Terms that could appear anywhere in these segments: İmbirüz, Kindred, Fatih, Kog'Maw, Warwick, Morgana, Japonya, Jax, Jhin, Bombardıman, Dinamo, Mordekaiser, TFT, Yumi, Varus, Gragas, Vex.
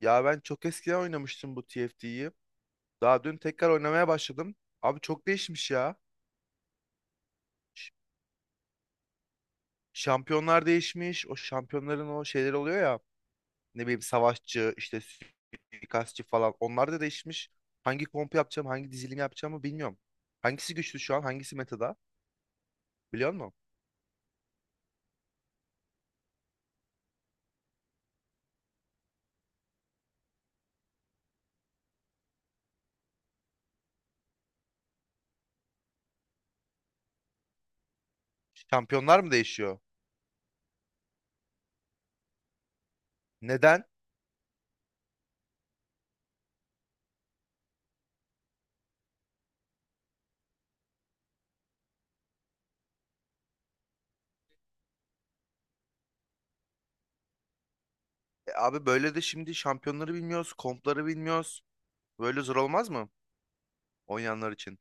Ya ben çok eskiden oynamıştım bu TFT'yi. Daha dün tekrar oynamaya başladım. Abi çok değişmiş ya. Ş- Şampiyonlar değişmiş. O şampiyonların o şeyleri oluyor ya. Ne bileyim savaşçı, işte suikastçı falan. Onlar da değişmiş. Hangi komp yapacağım, hangi dizilim yapacağımı bilmiyorum. Hangisi güçlü şu an, hangisi metada? Biliyor musun? Şampiyonlar mı değişiyor? Neden? E abi böyle de şimdi şampiyonları bilmiyoruz, kompları bilmiyoruz. Böyle zor olmaz mı oynayanlar için?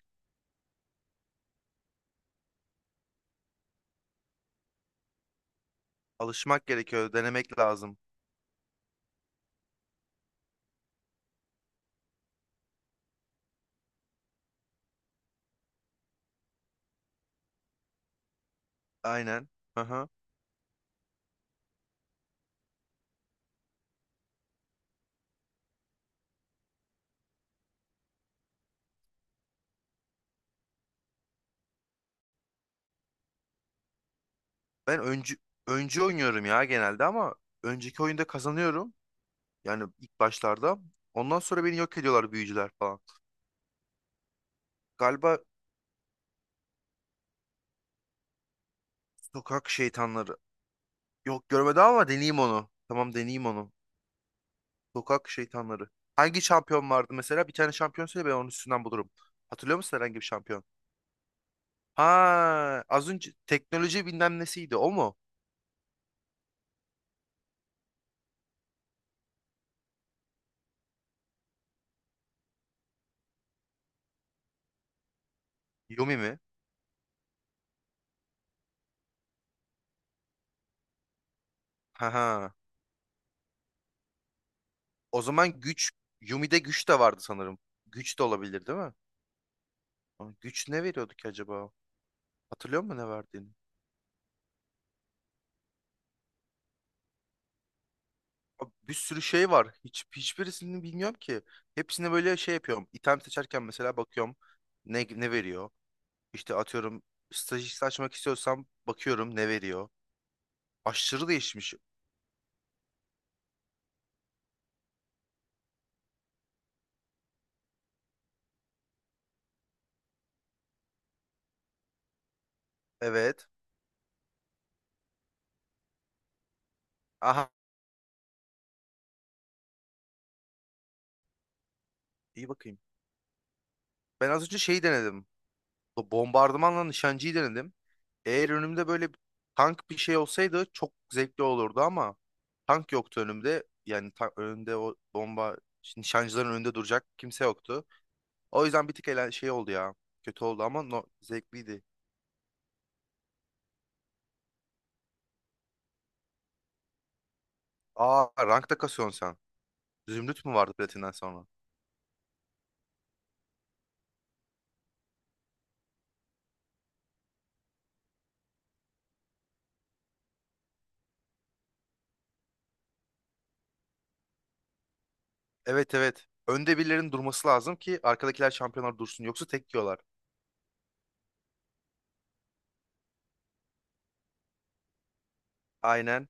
Alışmak gerekiyor, denemek lazım. Aynen. Hı hı. Ben öncü, öncü oynuyorum ya genelde ama önceki oyunda kazanıyorum. Yani ilk başlarda. Ondan sonra beni yok ediyorlar büyücüler falan. Galiba sokak şeytanları. Yok görmedim ama deneyeyim onu. Tamam deneyeyim onu. Sokak şeytanları. Hangi şampiyon vardı mesela? Bir tane şampiyon söyle ben onun üstünden bulurum. Hatırlıyor musun herhangi bir şampiyon? Ha, az önce teknoloji bilmem nesiydi o mu? Yumi mi? Ha ha. O zaman güç Yumi'de güç de vardı sanırım. Güç de olabilir değil mi? Ama güç ne veriyordu ki acaba? Hatırlıyor musun ne verdiğini? Abi bir sürü şey var. Hiç hiçbirisini bilmiyorum ki. Hepsine böyle şey yapıyorum. İtem seçerken mesela bakıyorum ne ne veriyor. İşte atıyorum stajist açmak istiyorsam bakıyorum ne veriyor. Aşırı değişmiş. Evet. Aha iyi bakayım. Ben az önce şeyi denedim. Bu bombardımanla nişancıyı denedim. Eğer önümde böyle tank bir şey olsaydı çok zevkli olurdu ama tank yoktu önümde. Yani ta önümde o bomba nişancıların önünde duracak kimse yoktu. O yüzden bir tık eğlen şey oldu ya. Kötü oldu ama no zevkliydi. Aa rankta kasıyorsun sen. Zümrüt mü vardı platinden sonra? Evet evet. Önde birilerinin durması lazım ki arkadakiler şampiyonlar dursun. Yoksa tek yiyorlar. Aynen.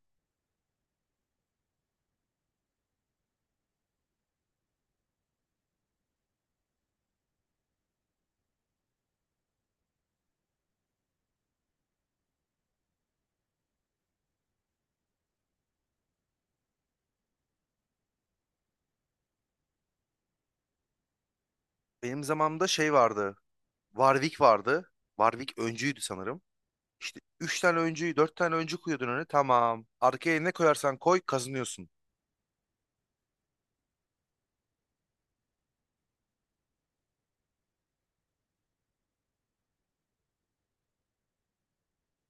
Benim zamanımda şey vardı. Warwick vardı. Warwick öncüydü sanırım. İşte 3 tane öncüyü 4 tane öncü koyuyordun öne. Tamam. Arkaya ne koyarsan koy kazanıyorsun.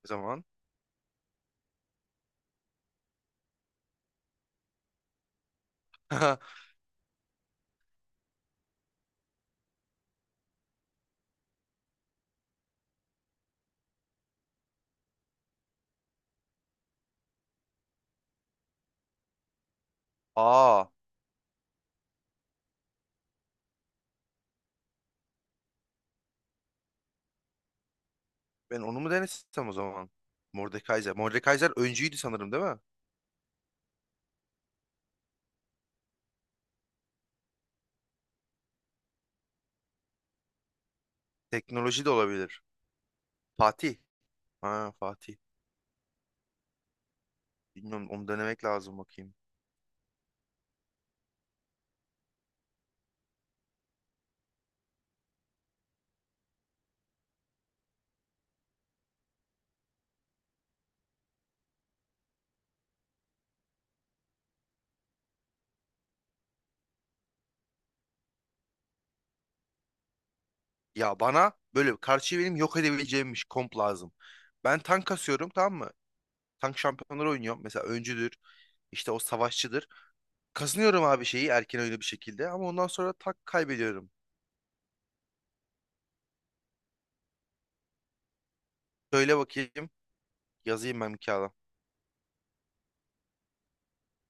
O zaman. Aa ben onu mu denesem o zaman? Mordekaiser. Mordekaiser öncüydü sanırım değil mi? Teknoloji de olabilir. Fatih. Ha Fatih. Bilmiyorum onu denemek lazım bakayım. Ya bana böyle karşıyı benim yok edebileceğimmiş komp lazım. Ben tank kasıyorum tamam mı? Tank şampiyonları oynuyorum. Mesela öncüdür. İşte o savaşçıdır. Kazanıyorum abi şeyi erken oyunu bir şekilde. Ama ondan sonra tak kaybediyorum. Söyle bakayım. Yazayım ben bir kağıda.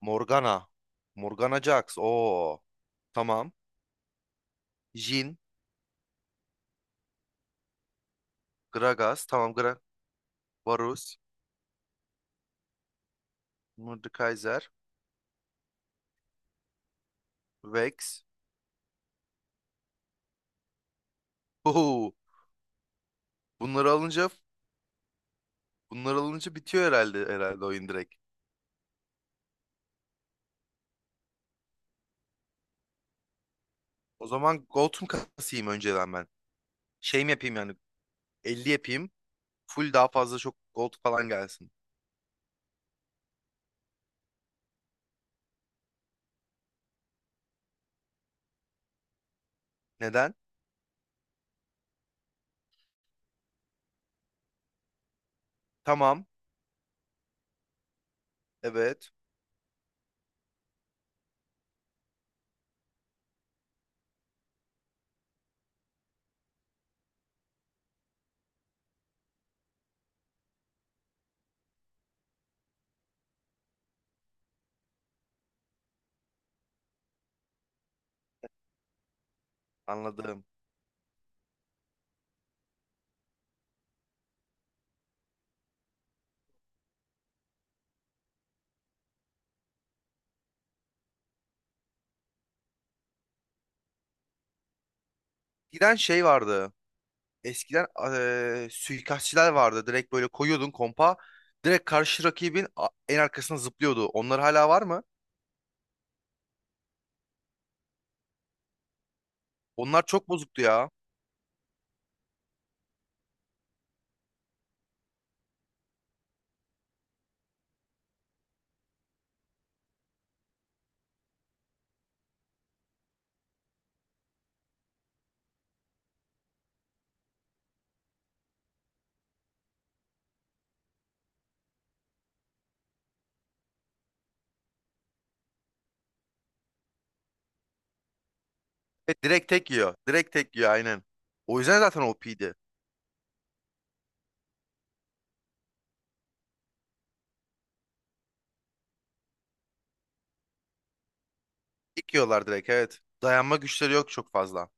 Morgana. Morgana Jax. Oo. Tamam. Jhin. Gragas. Tamam Gra. Varus. Mordekaiser. Vex. Oo. Bunları alınca Bunlar alınca bitiyor herhalde oyun direkt. O zaman gold mu kasayım önceden ben? Şey mi yapayım yani 50 yapayım. Full daha fazla çok gold falan gelsin. Neden? Tamam. Evet. Anladım. Giden şey vardı. Eskiden suikastçiler vardı. Direkt böyle koyuyordun kompa. Direkt karşı rakibin a- en arkasına zıplıyordu. Onlar hala var mı? Onlar çok bozuktu ya. Evet, direkt tek yiyor. Direkt tek yiyor aynen. O yüzden zaten o OP'ydi. İlk yiyorlar direkt evet. Dayanma güçleri yok çok fazla.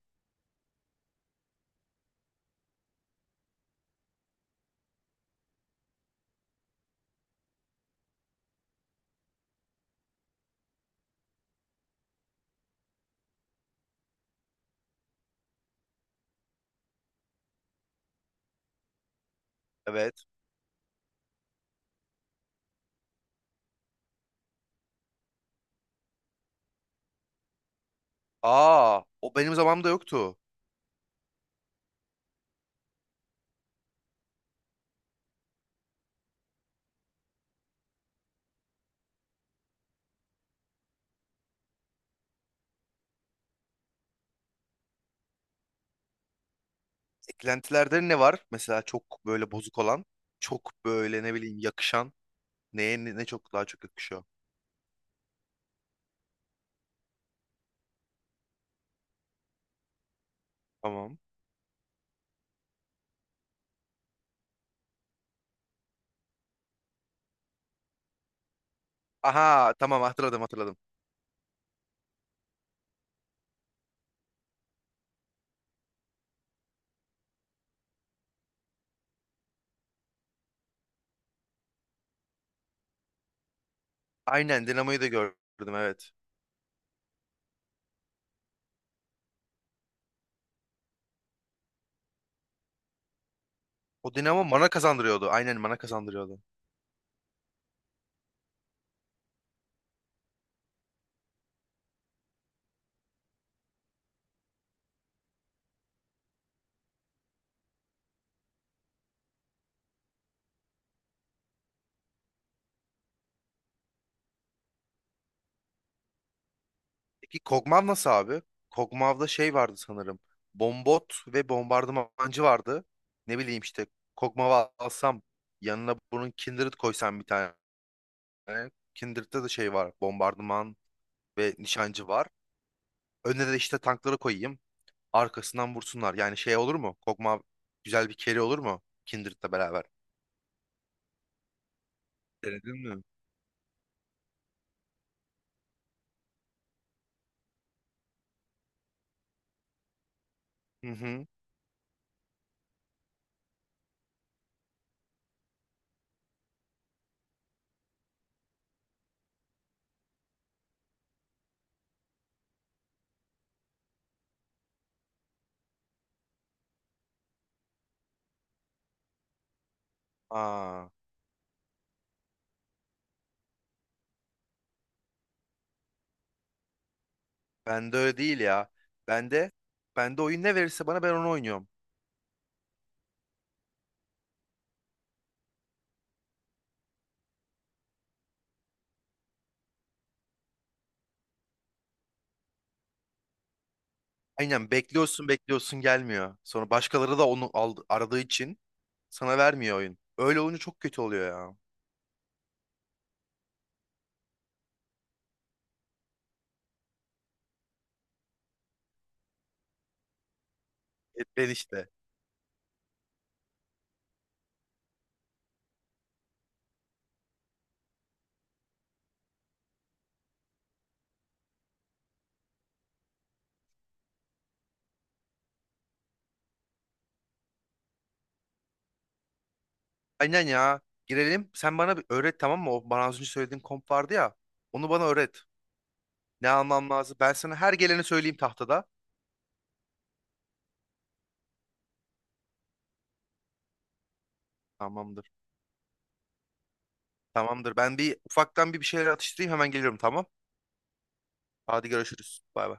Evet. Aa, o benim zamanımda yoktu. Eklentilerde ne var? Mesela çok böyle bozuk olan, çok böyle ne bileyim yakışan. Neye ne, ne çok daha çok yakışıyor. Tamam. Aha, tamam hatırladım hatırladım. Aynen Dinamo'yu da gördüm evet. O Dinamo bana kazandırıyordu. Aynen bana kazandırıyordu. Peki Kog'Maw nasıl abi? Kog'Maw'da şey vardı sanırım. Bombot ve bombardımancı vardı. Ne bileyim işte Kog'Maw'ı alsam yanına bunun Kindred koysam bir tane. Kindred'de de şey var. Bombardıman ve nişancı var. Önüne de işte tankları koyayım. Arkasından vursunlar. Yani şey olur mu? Kogma güzel bir carry olur mu? Kindred'le beraber. Denedin mi? Hı hı. Aa, bende öyle değil ya. Bende bende oyun ne verirse bana ben onu oynuyorum. Aynen bekliyorsun bekliyorsun gelmiyor. Sonra başkaları da onu aldı, aradığı için sana vermiyor oyun. Öyle olunca çok kötü oluyor ya. E, ben işte. Aynen ya. Girelim. Sen bana bir öğret tamam mı? O bana az önce söylediğin komp vardı ya. Onu bana öğret. Ne almam lazım? Ben sana her geleni söyleyeyim tahtada. Tamamdır. Tamamdır. Ben bir ufaktan bir şeyler atıştırayım hemen geliyorum tamam. Hadi görüşürüz. Bay bay.